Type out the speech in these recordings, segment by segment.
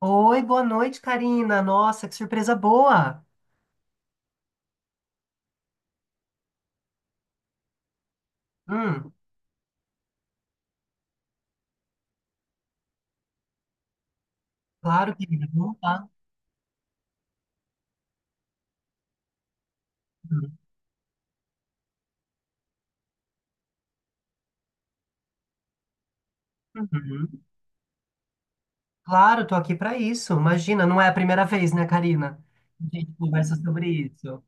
Oi, boa noite, Karina. Nossa, que surpresa boa. Hum, claro, querida, vamos lá. Uhum, uhum. Claro, tô aqui para isso. Imagina, não é a primeira vez, né, Karina? A gente conversa sobre isso.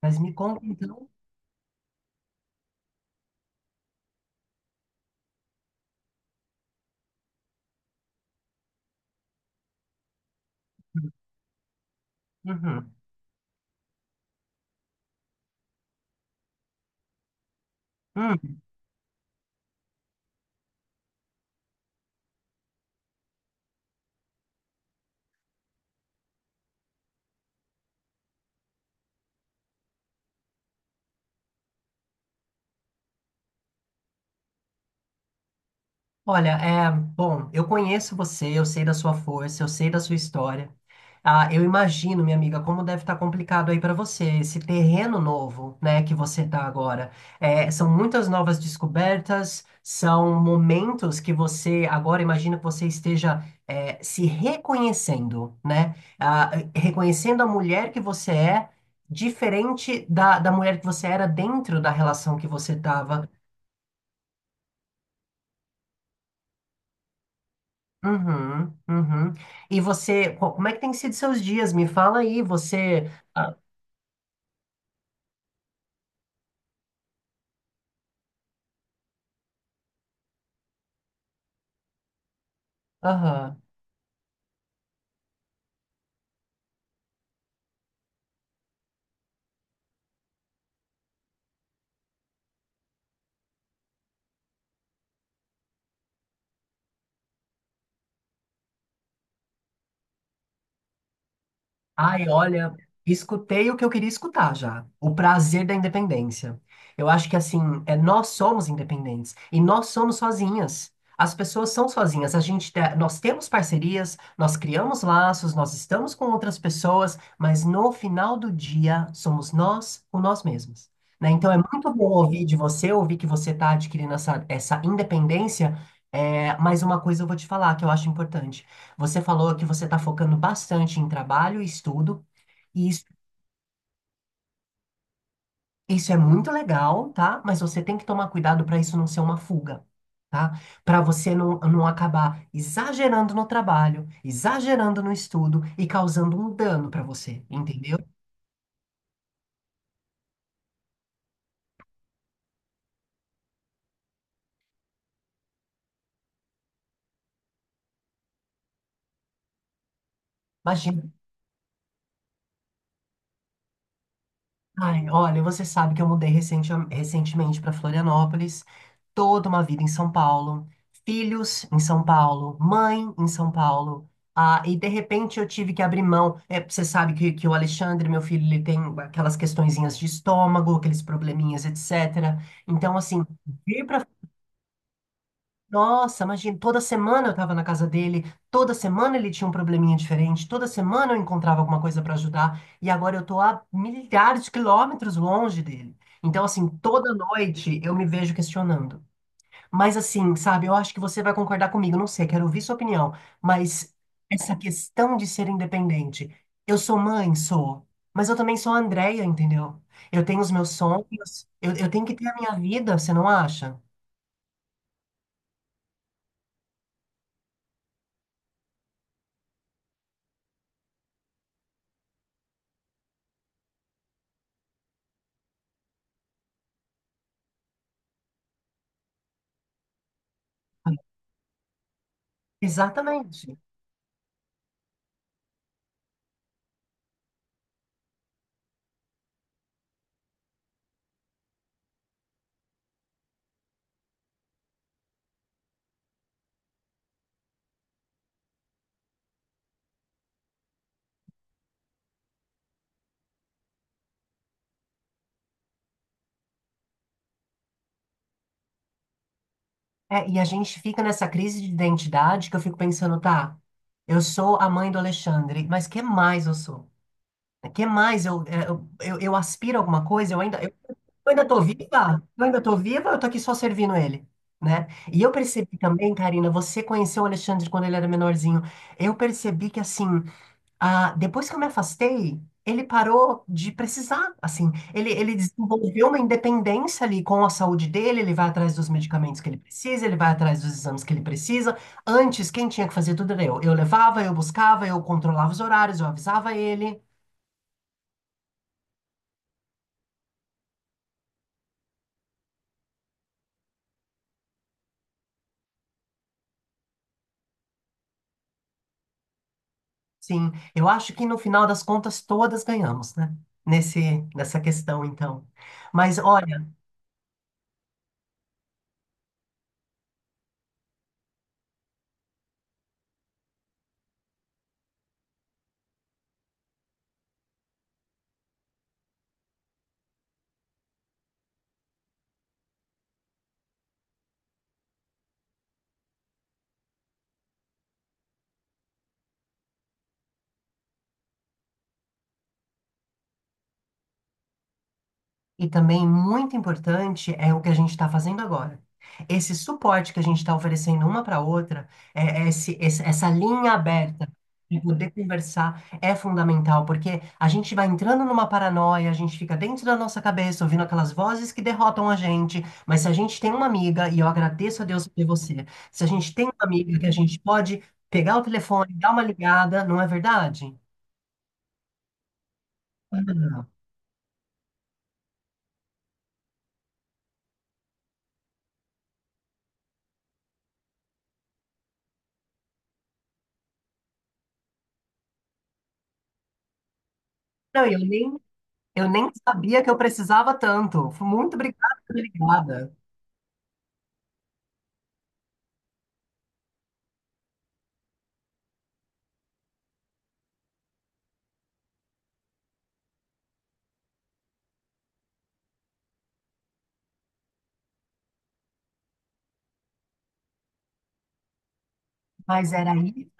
Mas me conta então. Uhum. Hum. Olha, é, bom, eu conheço você, eu sei da sua força, eu sei da sua história. Ah, eu imagino, minha amiga, como deve estar complicado aí para você, esse terreno novo, né, que você tá agora. É, são muitas novas descobertas, são momentos que você agora imagina que você esteja se reconhecendo, né? Ah, reconhecendo a mulher que você é, diferente da mulher que você era dentro da relação que você estava. Uhum, uhum. E você, como é que tem sido seus dias? Me fala aí, você. Aham. Ai, olha, escutei o que eu queria escutar já. O prazer da independência. Eu acho que assim, nós somos independentes e nós somos sozinhas. As pessoas são sozinhas. Nós temos parcerias, nós criamos laços, nós estamos com outras pessoas, mas no final do dia somos nós com nós mesmos. Né? Então é muito bom ouvir de você, ouvir que você está adquirindo essa independência. É, mas uma coisa eu vou te falar que eu acho importante. Você falou que você está focando bastante em trabalho e estudo, e isso é muito legal, tá? Mas você tem que tomar cuidado para isso não ser uma fuga, tá? Para você não acabar exagerando no trabalho, exagerando no estudo e causando um dano para você, entendeu? Imagina. Ai, olha, você sabe que eu mudei recentemente para Florianópolis, toda uma vida em São Paulo, filhos em São Paulo, mãe em São Paulo, e de repente eu tive que abrir mão. É, você sabe que o Alexandre, meu filho, ele tem aquelas questõezinhas de estômago, aqueles probleminhas, etc. Então, assim, vir para nossa, imagina, toda semana eu estava na casa dele, toda semana ele tinha um probleminha diferente, toda semana eu encontrava alguma coisa para ajudar, e agora eu tô a milhares de quilômetros longe dele. Então, assim, toda noite eu me vejo questionando. Mas, assim, sabe, eu acho que você vai concordar comigo, não sei, quero ouvir sua opinião, mas essa questão de ser independente, eu sou mãe, sou, mas eu também sou a Andrea, entendeu? Eu tenho os meus sonhos, eu tenho que ter a minha vida, você não acha? Exatamente. É, e a gente fica nessa crise de identidade que eu fico pensando, tá, eu sou a mãe do Alexandre, mas que mais eu sou? Que mais eu aspiro a alguma coisa? Eu ainda tô viva? Eu ainda tô viva? Eu tô aqui só servindo ele, né? E eu percebi também, Karina, você conheceu o Alexandre quando ele era menorzinho. Eu percebi que, assim, depois que eu me afastei, ele parou de precisar, assim, ele desenvolveu uma independência ali com a saúde dele, ele vai atrás dos medicamentos que ele precisa, ele vai atrás dos exames que ele precisa. Antes, quem tinha que fazer tudo era eu. Eu levava, eu buscava, eu controlava os horários, eu avisava ele. Sim, eu acho que no final das contas todas ganhamos, né? Nessa questão, então. Mas E também muito importante é o que a gente está fazendo agora. Esse suporte que a gente está oferecendo uma para outra, essa linha aberta de poder conversar é fundamental, porque a gente vai entrando numa paranoia, a gente fica dentro da nossa cabeça, ouvindo aquelas vozes que derrotam a gente. Mas se a gente tem uma amiga, e eu agradeço a Deus por ter você, se a gente tem uma amiga que a gente pode pegar o telefone, dar uma ligada, não é verdade? Não, eu nem Eu nem sabia que eu precisava tanto. Fui Muito obrigada por ter ligada. Mas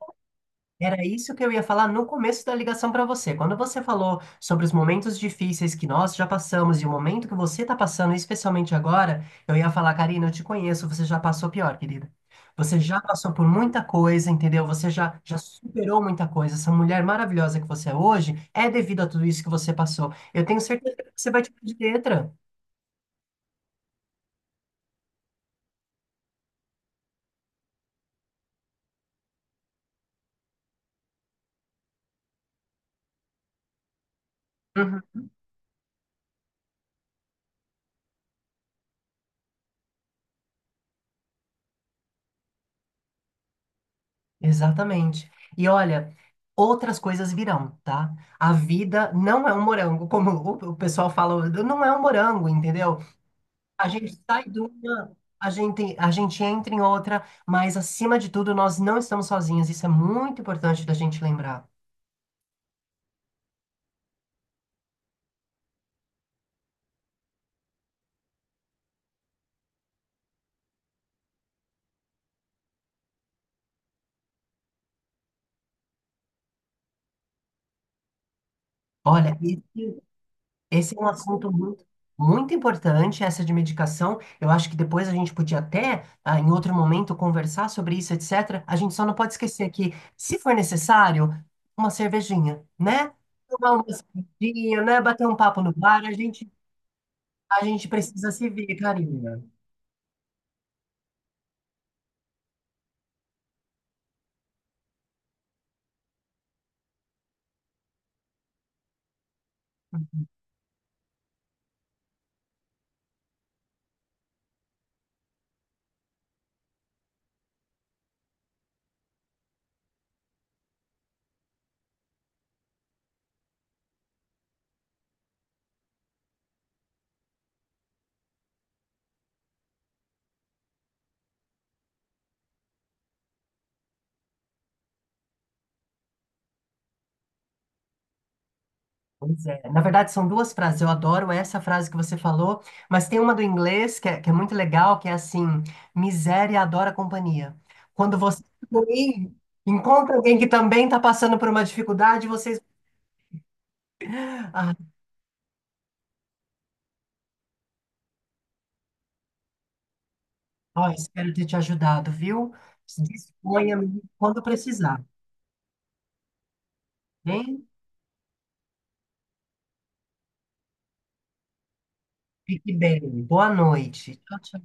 era isso que eu ia falar no começo da ligação para você. Quando você falou sobre os momentos difíceis que nós já passamos e o momento que você está passando, especialmente agora, eu ia falar, Karina, eu te conheço, você já passou pior, querida. Você já passou por muita coisa, entendeu? Você já superou muita coisa. Essa mulher maravilhosa que você é hoje é devido a tudo isso que você passou. Eu tenho certeza que você vai tirar de letra. Exatamente. E olha, outras coisas virão, tá? A vida não é um morango, como o pessoal fala, não é um morango, entendeu? A gente sai de uma, a gente entra em outra, mas acima de tudo, nós não estamos sozinhos. Isso é muito importante da gente lembrar. Olha, Esse é um assunto muito, muito importante, essa de medicação. Eu acho que depois a gente podia até, em outro momento, conversar sobre isso, etc. A gente só não pode esquecer que, se for necessário, uma cervejinha, né? Tomar uma cervejinha, né? Bater um papo no bar, a gente precisa se ver, Karina. Pois é. Na verdade, são duas frases. Eu adoro essa frase que você falou, mas tem uma do inglês que é, muito legal, que é assim: miséria adora companhia. Quando você também encontra alguém que também está passando por uma dificuldade, vocês. Ah, ó, espero ter te ajudado, viu? Disponha-me quando precisar, hein? Fique bem. Boa noite. Tchau, tchau.